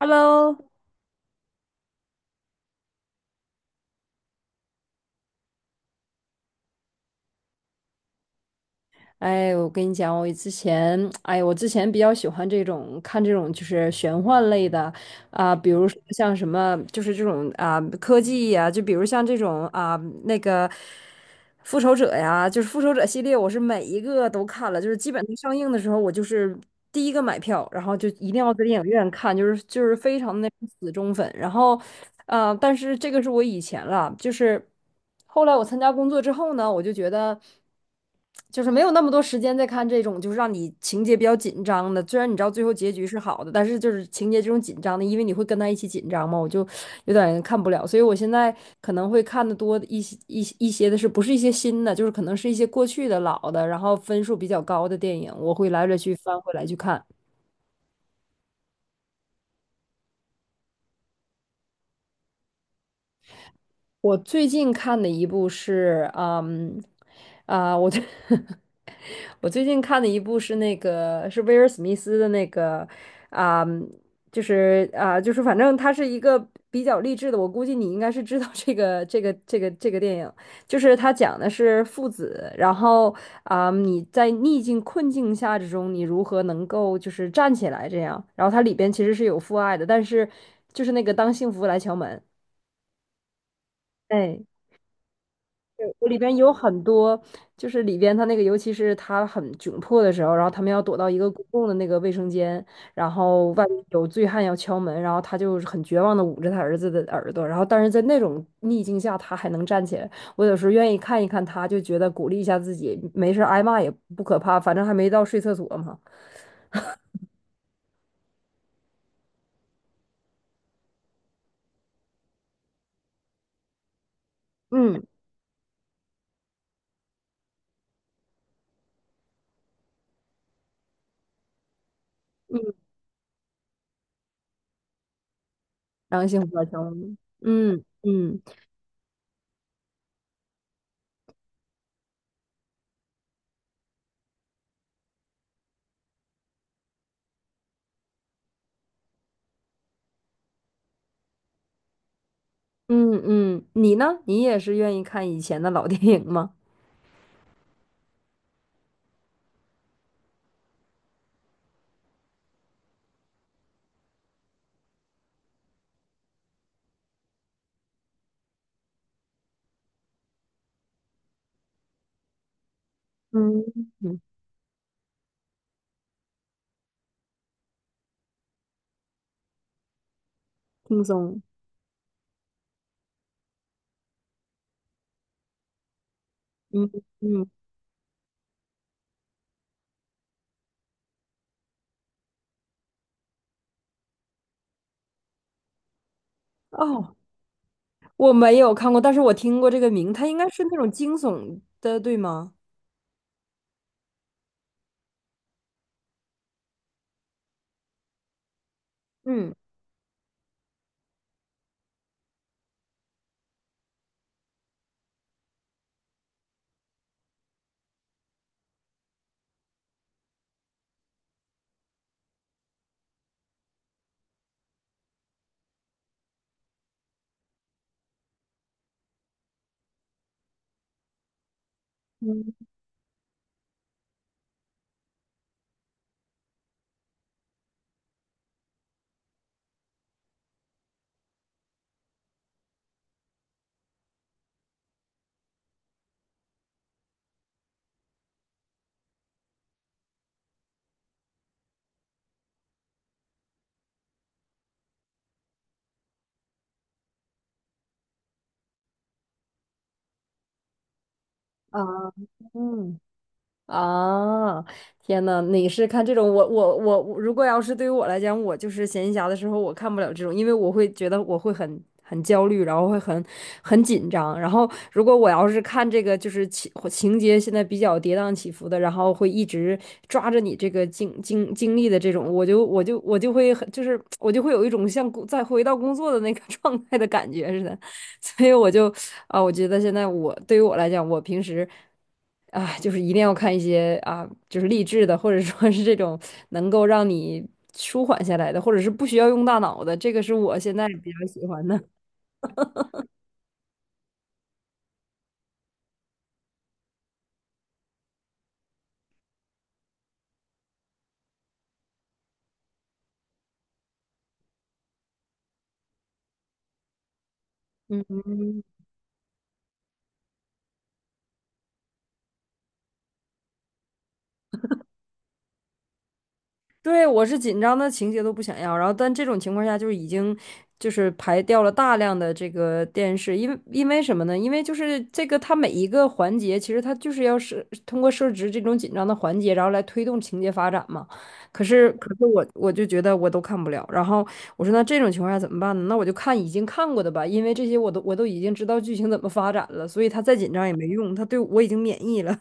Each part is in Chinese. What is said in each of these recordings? Hello，哎，我跟你讲，我之前，哎，我之前比较喜欢这种看这种就是玄幻类的啊、比如说像什么，就是这种啊、科技呀、就比如像这种啊、那个复仇者呀，就是复仇者系列，我是每一个都看了，就是基本上上映的时候，我就是第一个买票，然后就一定要在电影院看，就是非常的那种死忠粉，然后。但是这个是我以前了，就是后来我参加工作之后呢，我就觉得。就是没有那么多时间再看这种，就是让你情节比较紧张的。虽然你知道最后结局是好的，但是就是情节这种紧张的，因为你会跟他一起紧张嘛，我就有点看不了。所以我现在可能会看的多一些的是不是一些新的，就是可能是一些过去的老的，然后分数比较高的电影，我会来来去翻回来去看。我最近看的一部是，嗯，啊、我最近看的一部是那个是威尔史密斯的那个，啊、就是啊、就是反正它是一个比较励志的，我估计你应该是知道这个电影，就是它讲的是父子，然后啊、你在逆境困境下之中，你如何能够就是站起来这样，然后它里边其实是有父爱的，但是就是那个当幸福来敲门，哎。对我里边有很多，就是里边他那个，尤其是他很窘迫的时候，然后他们要躲到一个公共的那个卫生间，然后外面有醉汉要敲门，然后他就很绝望的捂着他儿子的耳朵，然后但是在那种逆境下，他还能站起来。我有时候愿意看一看他，就觉得鼓励一下自己，没事儿挨骂也不可怕，反正还没到睡厕所嘛。嗯，然后幸福小敲门。嗯嗯嗯嗯，你呢？你也是愿意看以前的老电影吗？嗯嗯，轻松。嗯嗯，哦，我没有看过，但是我听过这个名，它应该是那种惊悚的，对吗？嗯，嗯啊，嗯。啊，天呐，你是看这种？我如果要是对于我来讲，我就是闲暇的时候，我看不了这种，因为我会觉得我会很焦虑，然后会很紧张。然后如果我要是看这个，就是情节现在比较跌宕起伏的，然后会一直抓着你这个经历的这种，我就会很就是我就会有一种像工再回到工作的那个 状态的感觉似的。所以我就啊，我觉得现在我对于我来讲，我平时啊，就是一定要看一些啊，就是励志的，或者说是这种能够让你舒缓下来的，或者是不需要用大脑的，这个是我现在比较喜欢的。嗯，对，我是紧张的情节都不想要，然后但这种情况下就是已经就是排掉了大量的这个电视，因为什么呢？因为就是这个它每一个环节，其实它就是要是通过设置这种紧张的环节，然后来推动情节发展嘛。可是我就觉得我都看不了，然后我说那这种情况下怎么办呢？那我就看已经看过的吧，因为这些我都已经知道剧情怎么发展了，所以他再紧张也没用，他对我已经免疫了，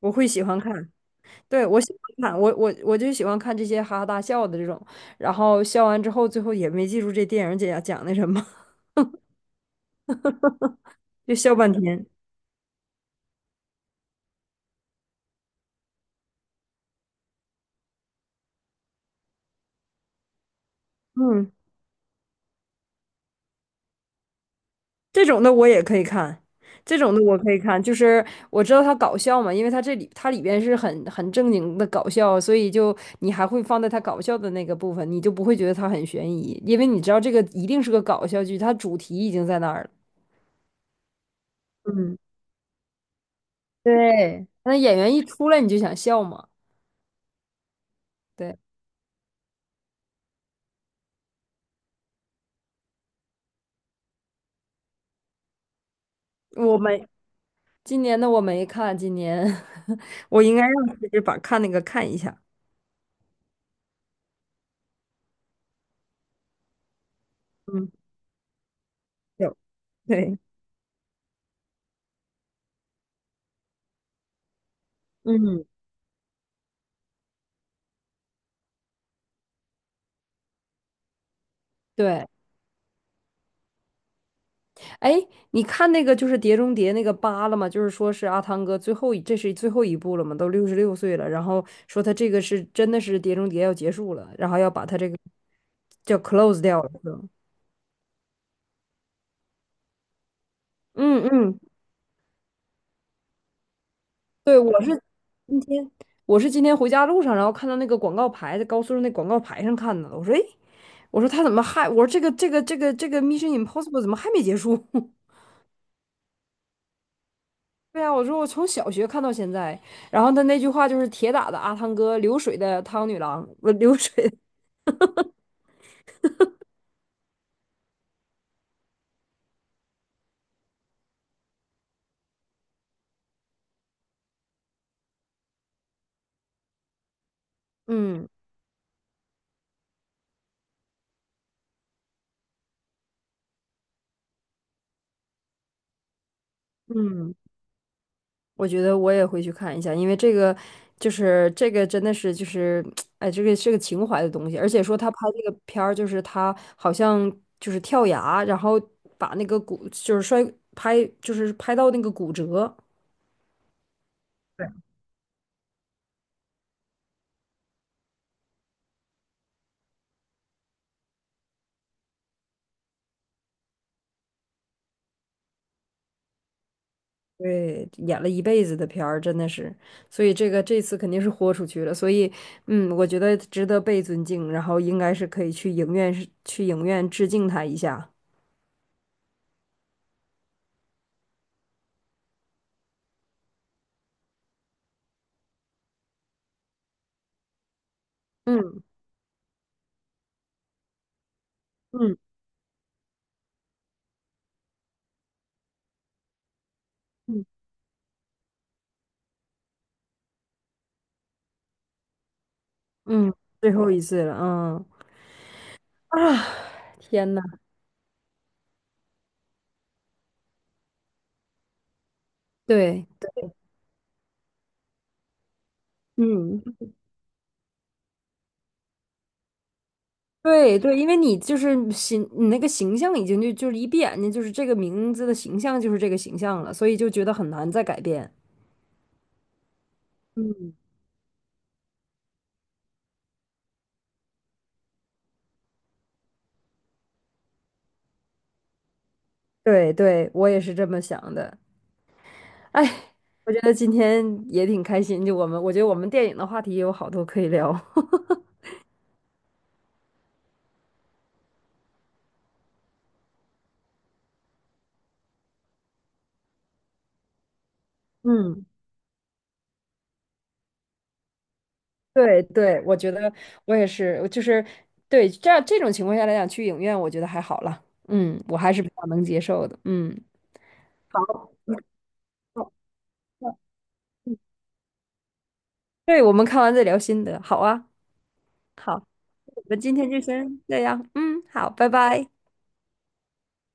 我会喜欢看。对，我喜欢看，我就喜欢看这些哈哈大笑的这种，然后笑完之后，最后也没记住这电影讲的什么，就笑半天。嗯，这种的我也可以看，这种的我可以看，就是我知道它搞笑嘛，因为它这里它里边是很正经的搞笑，所以就你还会放在它搞笑的那个部分，你就不会觉得它很悬疑，因为你知道这个一定是个搞笑剧，它主题已经在那儿了。嗯，对，那演员一出来你就想笑嘛。对，我们今年的我没看，今年 我应该让其实把看那个看一下。嗯，有，对，嗯，对。哎，你看那个就是《碟中谍》那个八了吗？就是说是阿汤哥最后一，这是最后一部了嘛，都66岁了，然后说他这个是真的是《碟中谍》要结束了，然后要把他这个叫 close 掉了。是吧嗯嗯，对，今天，我是今天回家路上，然后看到那个广告牌，在高速上那广告牌上看到的。我说，哎，我说他怎么还？我说这个 Mission Impossible 怎么还没结束？对啊，我说我从小学看到现在，然后他那句话就是铁打的阿汤哥，流水的汤女郎，不流水，嗯嗯，我觉得我也会去看一下，因为这个就是这个真的是就是 哎，这个是个情怀的东西，而且说他拍这个片儿，就是他好像就是跳崖，然后把那个骨就是摔拍就是拍到那个骨折，对，对，演了一辈子的片儿，真的是，所以这个这次肯定是豁出去了，所以嗯，我觉得值得被尊敬，然后应该是可以去影院致敬他一下，嗯嗯嗯嗯，最后一次了，嗯。啊，天呐，对，嗯，对对，因为你就是形，你那个形象已经就是一闭眼睛就是这个名字的形象就是这个形象了，所以就觉得很难再改变。对对，我也是这么想的。哎，我觉得今天也挺开心，就我们，我觉得我们电影的话题也有好多可以聊。嗯，对对，我觉得我也是，就是对这样这种情况下来讲，去影院我觉得还好了。嗯，我还是比较能接受的。嗯，好对，我们看完再聊心得，好啊，好，我们今天就先这样，嗯，好，拜拜。